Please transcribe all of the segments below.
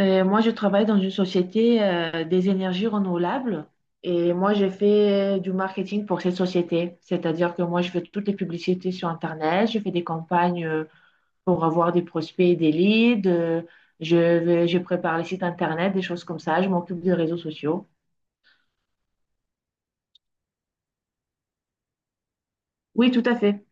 Moi, je travaille dans une société des énergies renouvelables et moi, je fais du marketing pour cette société. C'est-à-dire que moi, je fais toutes les publicités sur Internet, je fais des campagnes pour avoir des prospects et des leads, je prépare les sites Internet, des choses comme ça, je m'occupe des réseaux sociaux. Oui, tout à fait.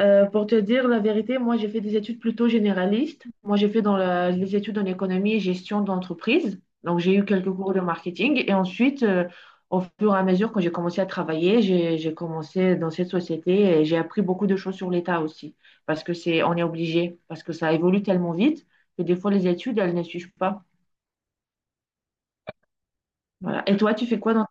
Pour te dire la vérité, moi j'ai fait des études plutôt généralistes. Moi j'ai fait dans les études en économie et gestion d'entreprise. Donc j'ai eu quelques cours de marketing et ensuite, au fur et à mesure quand j'ai commencé à travailler, j'ai commencé dans cette société et j'ai appris beaucoup de choses sur l'État aussi parce que c'est, on est obligé, parce que ça évolue tellement vite que des fois les études elles ne suivent pas. Voilà. Et toi, tu fais quoi dans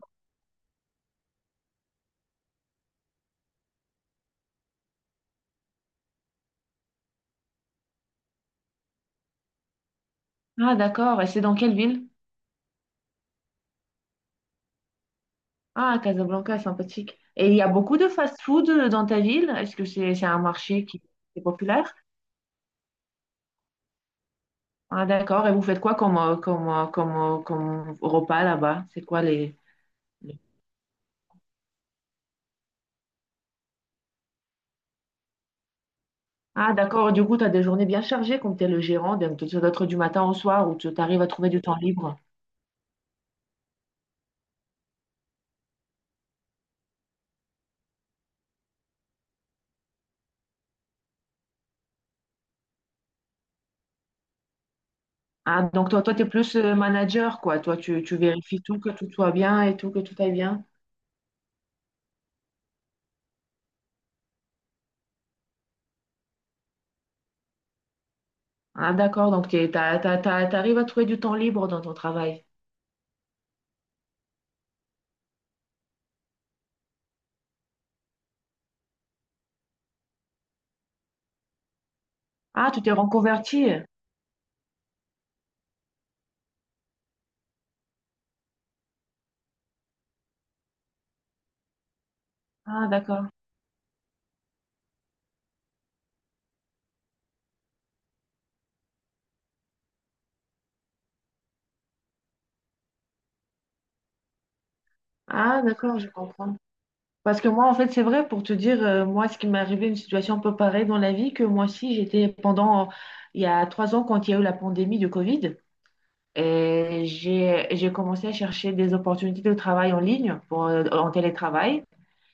ton? Ah, d'accord, et c'est dans quelle ville? Ah, Casablanca, sympathique. Et il y a beaucoup de fast-food dans ta ville? Est-ce que c'est un marché qui est populaire? Ah, d'accord. Et vous faites quoi comme repas là-bas? C'est quoi les. Ah, d'accord. Du coup, tu as des journées bien chargées comme tu es le gérant, donc tu dois être du matin au soir où tu arrives à trouver du temps libre. Ah, donc toi, tu es plus manager, quoi. Toi, tu vérifies tout, que tout soit bien et tout, que tout aille bien. Ah, d'accord. Donc, tu arrives à trouver du temps libre dans ton travail. Ah, tu t'es reconverti. Ah, d'accord. Ah, d'accord, je comprends. Parce que moi, en fait, c'est vrai, pour te dire, moi, ce qui m'est arrivé, une situation un peu pareille dans la vie, que moi aussi, j'étais pendant, il y a 3 ans, quand il y a eu la pandémie de Covid, et j'ai commencé à chercher des opportunités de travail en ligne, pour, en télétravail.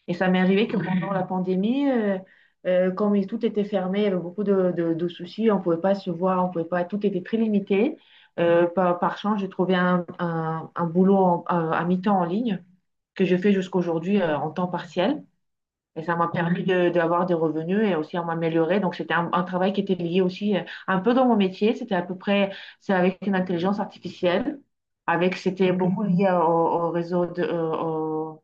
Et ça m'est arrivé que pendant la pandémie, comme tout était fermé, il y avait beaucoup de soucis, on ne pouvait pas se voir, on pouvait pas, tout était très limité. Par chance, j'ai trouvé un boulot à mi-temps en ligne que je fais jusqu'aujourd'hui, en temps partiel. Et ça m'a permis d'avoir des revenus et aussi à m'améliorer. Donc, c'était un travail qui était lié aussi, un peu dans mon métier. C'était à peu près, c'est avec une intelligence artificielle. Avec, c'était beaucoup lié au réseau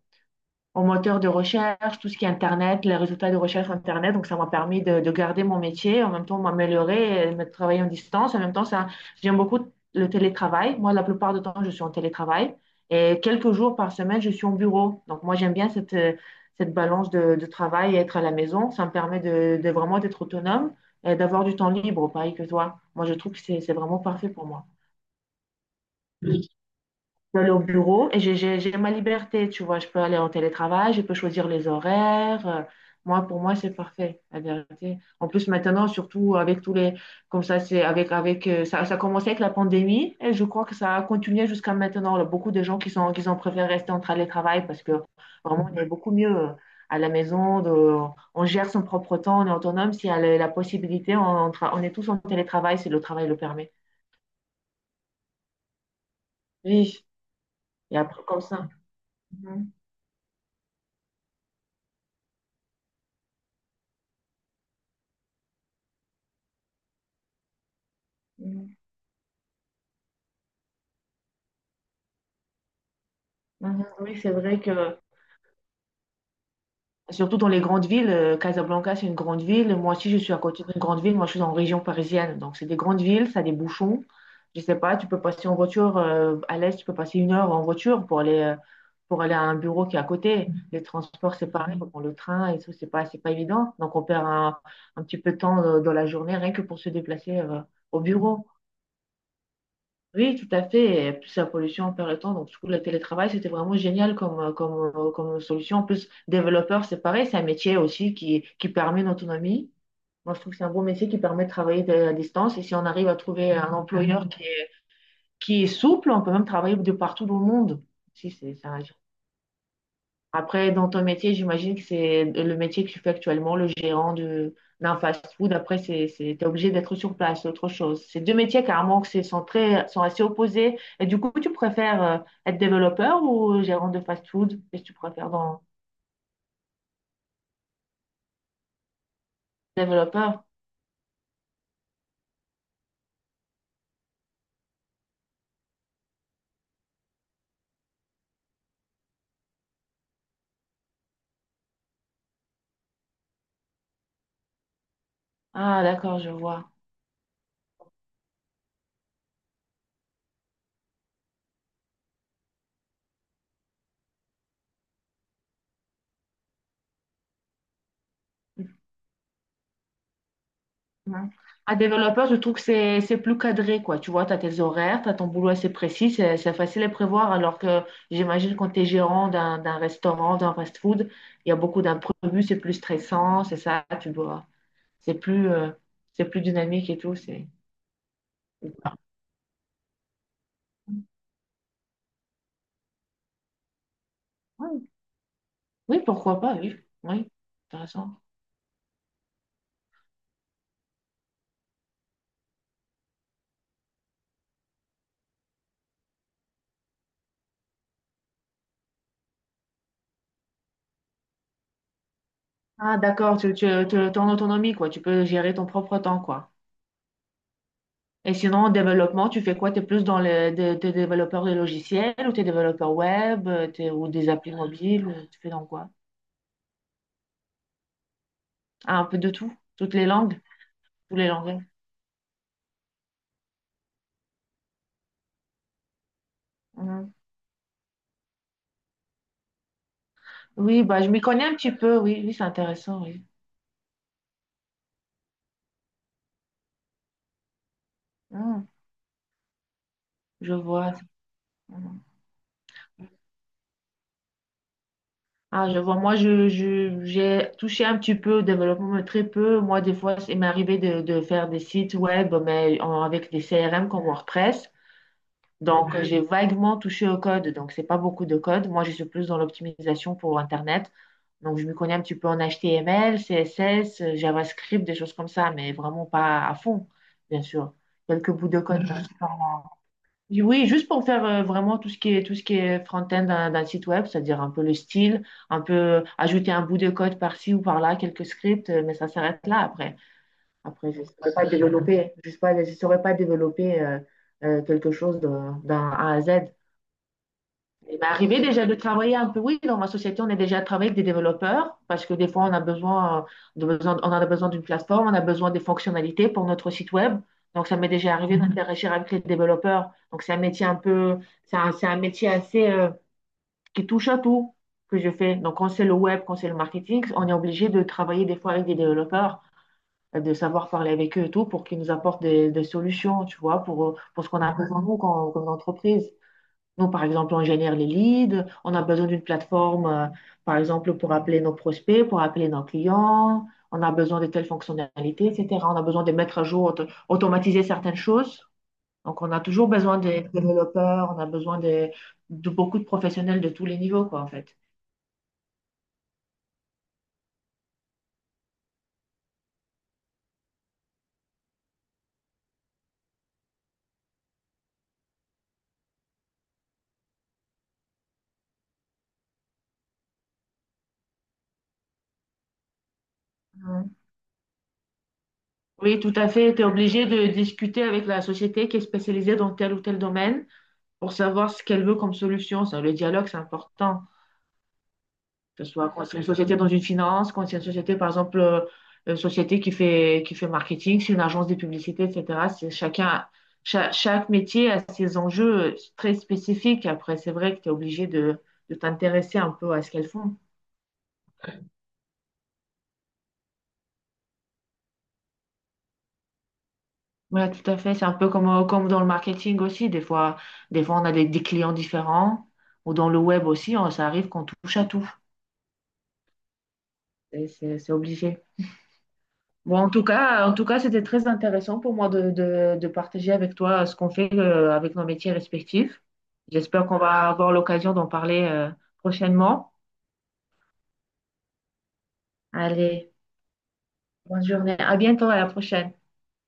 au moteur de recherche, tout ce qui est Internet, les résultats de recherche Internet. Donc, ça m'a permis de garder mon métier, en même temps m'améliorer, et me travailler en distance. En même temps, ça, j'aime beaucoup le télétravail. Moi, la plupart du temps, je suis en télétravail. Et quelques jours par semaine, je suis au bureau. Donc, moi, j'aime bien cette balance de travail et être à la maison. Ça me permet de vraiment d'être autonome et d'avoir du temps libre, pareil que toi. Moi, je trouve que c'est vraiment parfait pour moi peux aller au bureau et j'ai ma liberté, tu vois. Je peux aller en télétravail, je peux choisir les horaires. Moi, pour moi, c'est parfait, la vérité. En plus, maintenant, surtout avec tous les. Comme ça, c'est avec ça a commencé avec la pandémie et je crois que ça a continué jusqu'à maintenant. Là, beaucoup de gens qui sont, qui ont préféré rester en télétravail parce que vraiment, on est beaucoup mieux, à la maison. On gère son propre temps, on est autonome. S'il y a la possibilité, on est tous en télétravail si le travail le permet. Oui, et après, comme ça. Mhm. Mhm. Mhm. Oui, c'est vrai que, surtout dans les grandes villes, Casablanca, c'est une grande ville. Moi aussi, je suis à côté d'une grande ville. Moi, je suis en région parisienne. Donc, c'est des grandes villes, ça a des bouchons. Je sais pas, tu peux passer en voiture, à l'est, tu peux passer 1 heure en voiture pour aller à un bureau qui est à côté. Les transports, c'est pareil, faut prendre le train et tout, c'est pas évident. Donc, on perd un petit peu de temps, dans la journée rien que pour se déplacer, au bureau. Oui, tout à fait. Et plus la pollution on perd le temps. Donc, du coup, le télétravail, c'était vraiment génial comme solution. En plus, développeur, c'est pareil. C'est un métier aussi qui permet une autonomie. Moi, je trouve que c'est un bon métier qui permet de travailler à distance. Et si on arrive à trouver un employeur qui est souple, on peut même travailler de partout dans le monde. Si, c'est un après, dans ton métier, j'imagine que c'est le métier que tu fais actuellement, le gérant d'un fast-food. Après, t'es obligé d'être sur place, c'est autre chose. C'est deux métiers carrément qui sont sont assez opposés. Et du coup, tu préfères, être développeur ou gérant de fast-food? Qu'est-ce que tu préfères dans développeur? Ah, d'accord, je vois. Ouais. Un développeur, je trouve que c'est plus cadré, quoi. Tu vois, tu as tes horaires, tu as ton boulot assez précis, c'est facile à prévoir, alors que j'imagine quand tu es gérant d'un restaurant, d'un fast-food, il y a beaucoup d'imprévus, c'est plus stressant, c'est ça, tu dois, c'est plus, euh, c'est plus dynamique et tout. C'est. Ouais. Oui, pourquoi pas, oui. Oui, intéressant. Ah, d'accord, t'es en autonomie, quoi. Tu peux gérer ton propre temps, quoi. Et sinon, en développement, tu fais quoi? Tu es plus dans t'es développeur de logiciels ou t'es développeur web, ou des applis mobiles ou tu fais dans quoi? Ah, un peu de tout, toutes les langues, tous les langages. Mhm. Oui, bah, je m'y connais un petit peu, oui, oui, c'est intéressant, oui. Mhm. Je vois. Mhm. Ah, je vois. Moi, j'ai touché un petit peu au développement, mais très peu. Moi, des fois, il m'est arrivé de faire des sites web, mais avec des CRM comme WordPress. Donc, j'ai vaguement touché au code, donc c'est pas beaucoup de code. Moi, je suis plus dans l'optimisation pour Internet. Donc, je me connais un petit peu en HTML, CSS, JavaScript, des choses comme ça, mais vraiment pas à fond, bien sûr. Quelques bouts de code. Oui, juste pour faire vraiment tout ce qui est front-end d'un site web, c'est-à-dire un peu le style, un peu ajouter un bout de code par-ci ou par-là, quelques scripts, mais ça s'arrête là après. Après, je ne saurais pas développer, je ne pas, saurais pas développer quelque chose d'un A à Z. Il m'est arrivé déjà de travailler un peu, oui, dans ma société, on est déjà travaillé avec des développeurs parce que des fois, on a besoin, on en a besoin d'une plateforme, on a besoin des fonctionnalités pour notre site web. Donc, ça m'est déjà arrivé d'interagir avec les développeurs. Donc, c'est un métier un peu, c'est un métier assez, qui touche à tout que je fais. Donc, quand c'est le web, quand c'est le marketing, on est obligé de travailler des fois avec des développeurs, de savoir parler avec eux et tout pour qu'ils nous apportent des solutions, tu vois, pour ce qu'on a besoin, nous, comme entreprise. Nous, par exemple, on génère les leads, on a besoin d'une plateforme, par exemple, pour appeler nos prospects, pour appeler nos clients, on a besoin de telles fonctionnalités, etc. On a besoin de mettre à jour, automatiser certaines choses. Donc, on a toujours besoin des développeurs, on a besoin de beaucoup de professionnels de tous les niveaux, quoi, en fait. Mhm. Oui, tout à fait. Tu es obligé de discuter avec la société qui est spécialisée dans tel ou tel domaine pour savoir ce qu'elle veut comme solution. Ça, le dialogue, c'est important. Que ce soit quand c'est une société dans une finance, quand c'est une société, par exemple, une société qui fait marketing, c'est une agence de publicité, etc. C'est chacun, chaque, métier a ses enjeux très spécifiques. Après, c'est vrai que tu es obligé de t'intéresser un peu à ce qu'elles font. Voilà, tout à fait. C'est un peu comme dans le marketing aussi. Des fois, on a des clients différents. Ou dans le web aussi, ça arrive qu'on touche à tout. Et c'est obligé. Bon, en tout cas, c'était très intéressant pour moi de partager avec toi, ce qu'on fait, avec nos métiers respectifs. J'espère qu'on va avoir l'occasion d'en parler, prochainement. Allez, bonne journée. À bientôt, à la prochaine.